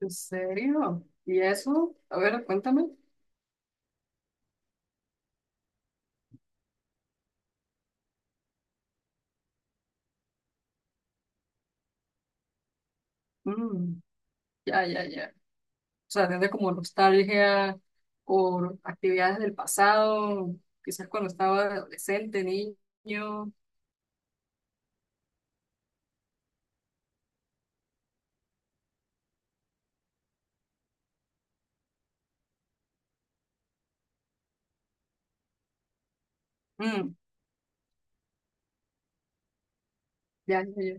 ¿En serio? ¿Y eso? A ver, cuéntame. Mm, ya, ya, ya. O sea, tiene como nostalgia por actividades del pasado, quizás cuando estaba adolescente, niño. Mm, ya, ya, ya.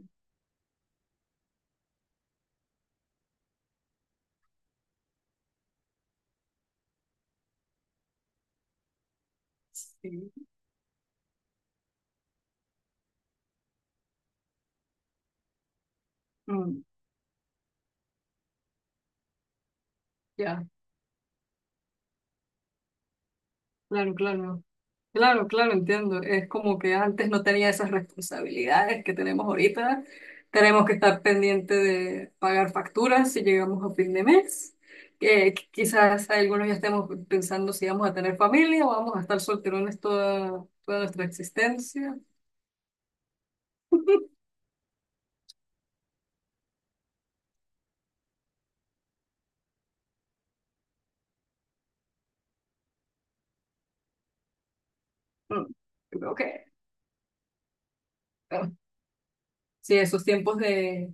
Sí. Mm, ya, claro, claro. Claro, claro, entiendo. Es como que antes no tenía esas responsabilidades que tenemos ahorita. Tenemos que estar pendiente de pagar facturas si llegamos a fin de mes. Quizás algunos ya estemos pensando si vamos a tener familia o vamos a estar solterones toda nuestra existencia. Mm, creo que eh, sí, esos tiempos de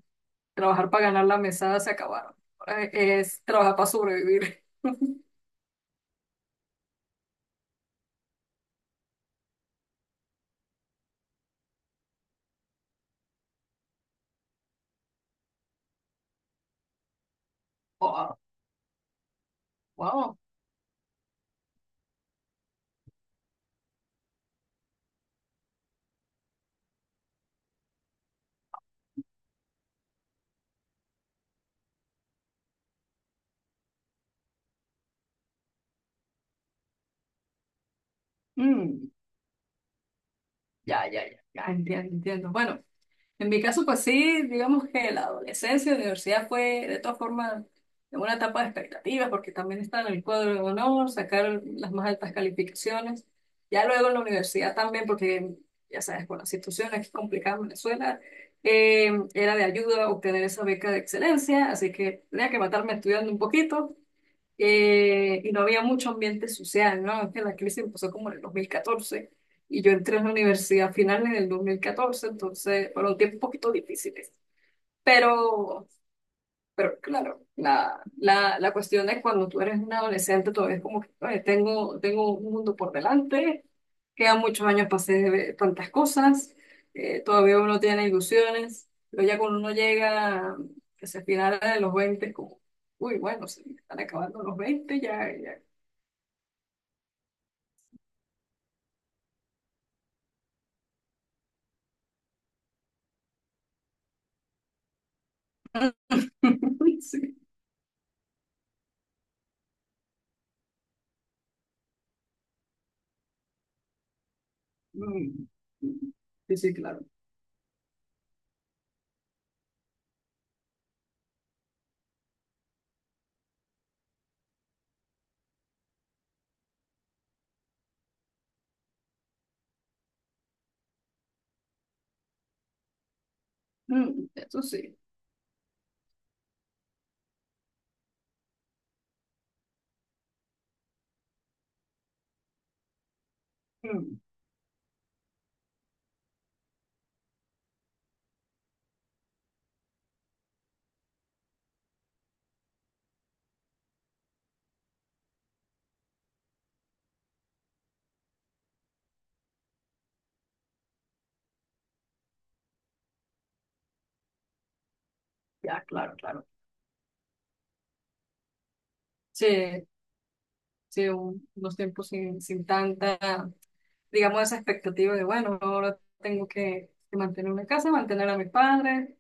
trabajar para ganar la mesada se acabaron. Ahora es trabajar para sobrevivir. Wow, wow. Mm, ya, ya, ya, ya entiendo, entiendo. Bueno. En mi caso, pues sí, digamos que la adolescencia, la universidad fue de todas formas una etapa de expectativas, porque también está en el cuadro de honor, sacar las más altas calificaciones. Ya luego en la universidad también, porque ya sabes, con la situación aquí complicada en Venezuela, era de ayuda obtener esa beca de excelencia, así que tenía que matarme estudiando un poquito y no había mucho ambiente social, ¿no? Es que la crisis empezó como en el 2014 y yo entré en la universidad a finales del 2014, entonces fueron tiempos un poquito difíciles, pero pero claro, la cuestión es cuando tú eres un adolescente, todavía es como que "Oye, tengo un mundo por delante, quedan muchos años para hacer tantas cosas, todavía uno tiene ilusiones, pero ya cuando uno llega hacia el final de los veinte es como, uy, bueno, se me están acabando los 20 ya, ya". Sí. Mm. Sí, sí, claro. Mm, eso sí. Mm, ya, claro, claro. Sí, sí, unos tiempos sin, sin tanta. Digamos, esa expectativa de, bueno, ahora tengo que mantener una casa, mantener a mis padres.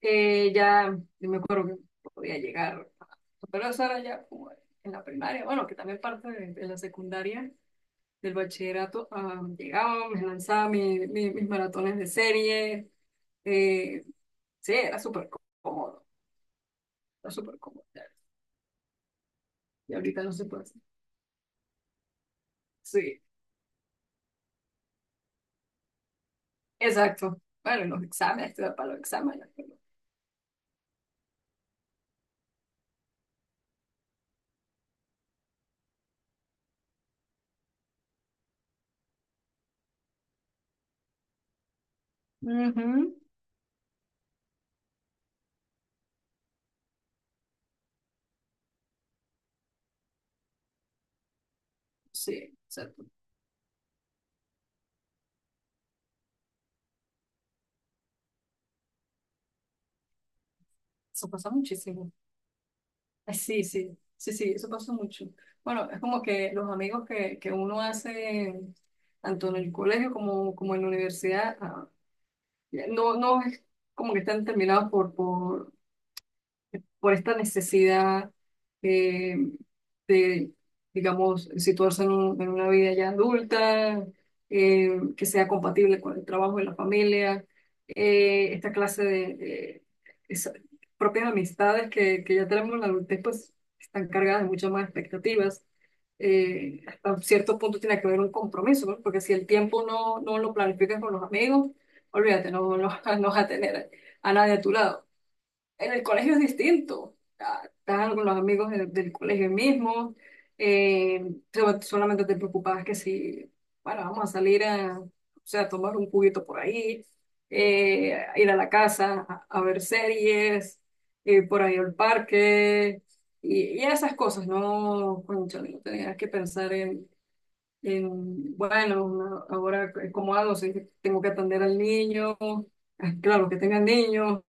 Ya, yo me acuerdo que podía llegar, pero eso era ya como en la primaria, bueno, que también parte de la secundaria, del bachillerato, ah, llegaba, me lanzaba mis maratones de serie. Eh, sí, era súper cómodo, era súper cómodo. Y ahorita no se puede hacer. Sí, exacto. Bueno, los exámenes, estudiar para los exámenes. Pero- ujú, sí, exacto. Eso pasa muchísimo. Ay, sí, sí, sí, sí, eso pasa mucho. Bueno, es como que los amigos que uno hace, tanto en el colegio como, como en la universidad, ah, no, no es como que están terminados por, por esta necesidad eh, de, digamos, situarse en, en una vida ya adulta, que sea compatible con el trabajo y la familia, esta clase de esa- propias amistades que ya tenemos en la adultez, pues están cargadas de muchas más expectativas. Hasta cierto punto tiene que haber un compromiso, ¿no? Porque si el tiempo no lo planificas con los amigos, olvídate, no, no no vas a tener a nadie a tu lado. En el colegio es distinto. Ah, estás con los amigos del colegio mismo. eh, Solamente te preocupabas que si, bueno, vamos a salir a, o sea, a tomar un juguito por ahí, a ir a la casa a ver series, por ahí al parque y esas cosas, ¿no? Cónchale, no tenías que pensar en, bueno, ahora cómo hago si tengo que atender al niño. Ah, claro, que tengan niños,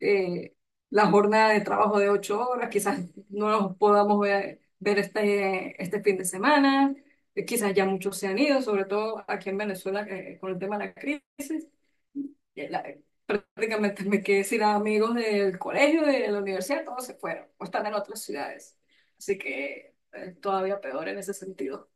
eh, la jornada de trabajo de ocho horas, quizás no los podamos ver, ver este, este fin de semana, quizás ya muchos se han ido, sobre todo aquí en Venezuela, con el tema de la crisis. Eh, la- Prácticamente me quedé sin amigos del colegio, de la universidad, todos se fueron o están en otras ciudades. Así que todavía peor en ese sentido.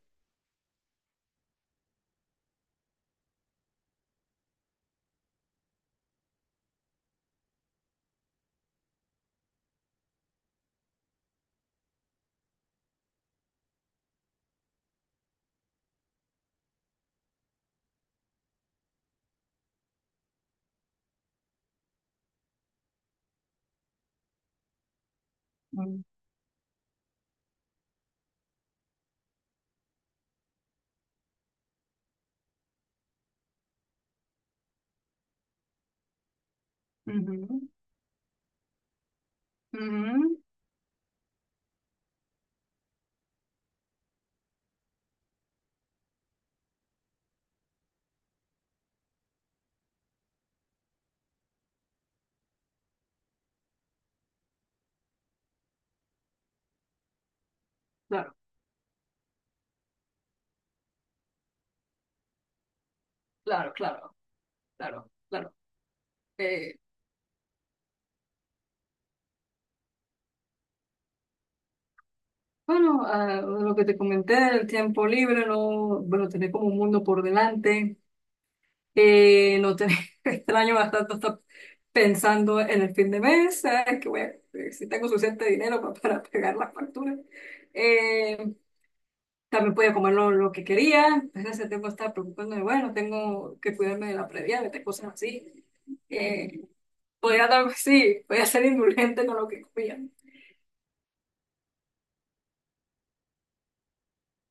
Ujú, claro. Claro, claro, claro, claro. Eh, Bueno, ah, lo que te comenté el tiempo libre, no, bueno, tener como un mundo por delante, no tener, extraño bastante estar pensando en el fin de mes, ¿sabes? Que voy a- si tengo suficiente dinero para pagar las facturas. Eh, También podía comer lo que quería, entonces ese tiempo estaba preocupándome, bueno, tengo que cuidarme de la previa, de cosas así. Eh, Podía, sí, podía ser indulgente con lo que comía.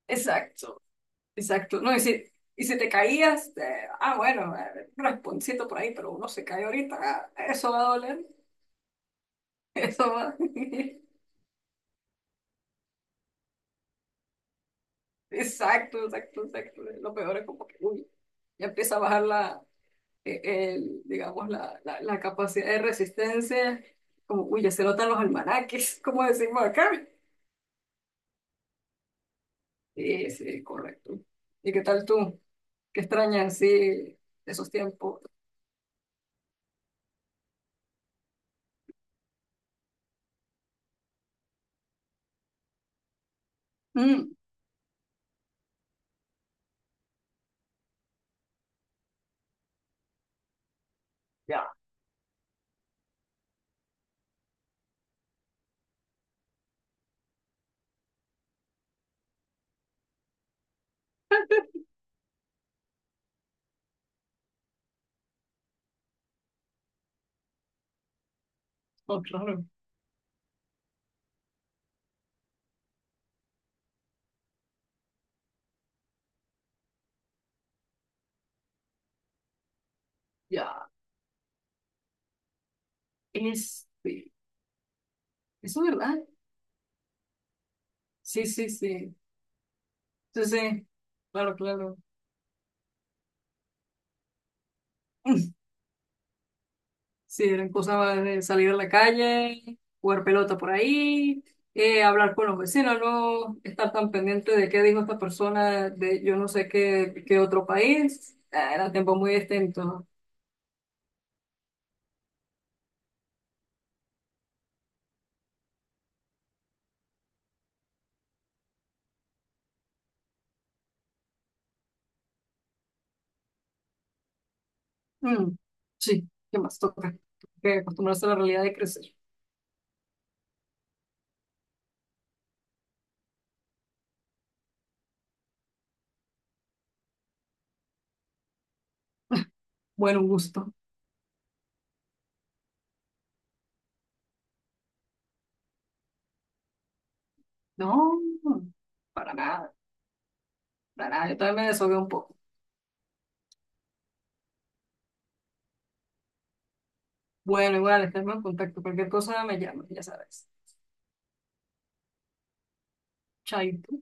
Exacto. Exacto, no, y si te caías, bueno, un rasponcito por ahí, pero uno se cae ahorita, ah, eso va a doler, eso va. Exacto, exacto, exacto. Lo peor es como que, uy, ya empieza a bajar la, eh, el, digamos, la capacidad de resistencia, como, uy, ya se notan los almanaques, como decimos acá. Sí, sí, correcto. ¿Y qué tal tú? ¿Qué extrañas, sí, esos tiempos? Mm, ya, oh, claro, ya, este. ¿Eso verdad? Sí, sí, sí. Sí, sí. Claro, claro. Sí, eran cosas más de salir a la calle, jugar pelota por ahí, hablar con los vecinos, no estar tan pendiente de qué dijo esta persona de yo no sé qué, qué otro país. Ah, era tiempo muy distinto. Mm, sí, ¿qué más toca? Que acostumbrarse a la realidad de crecer. Bueno, un gusto. No, para nada, para nada. Yo también me desahogué un poco. Bueno, igual, estarme en contacto. Cualquier cosa me llama, ya sabes. Chaito.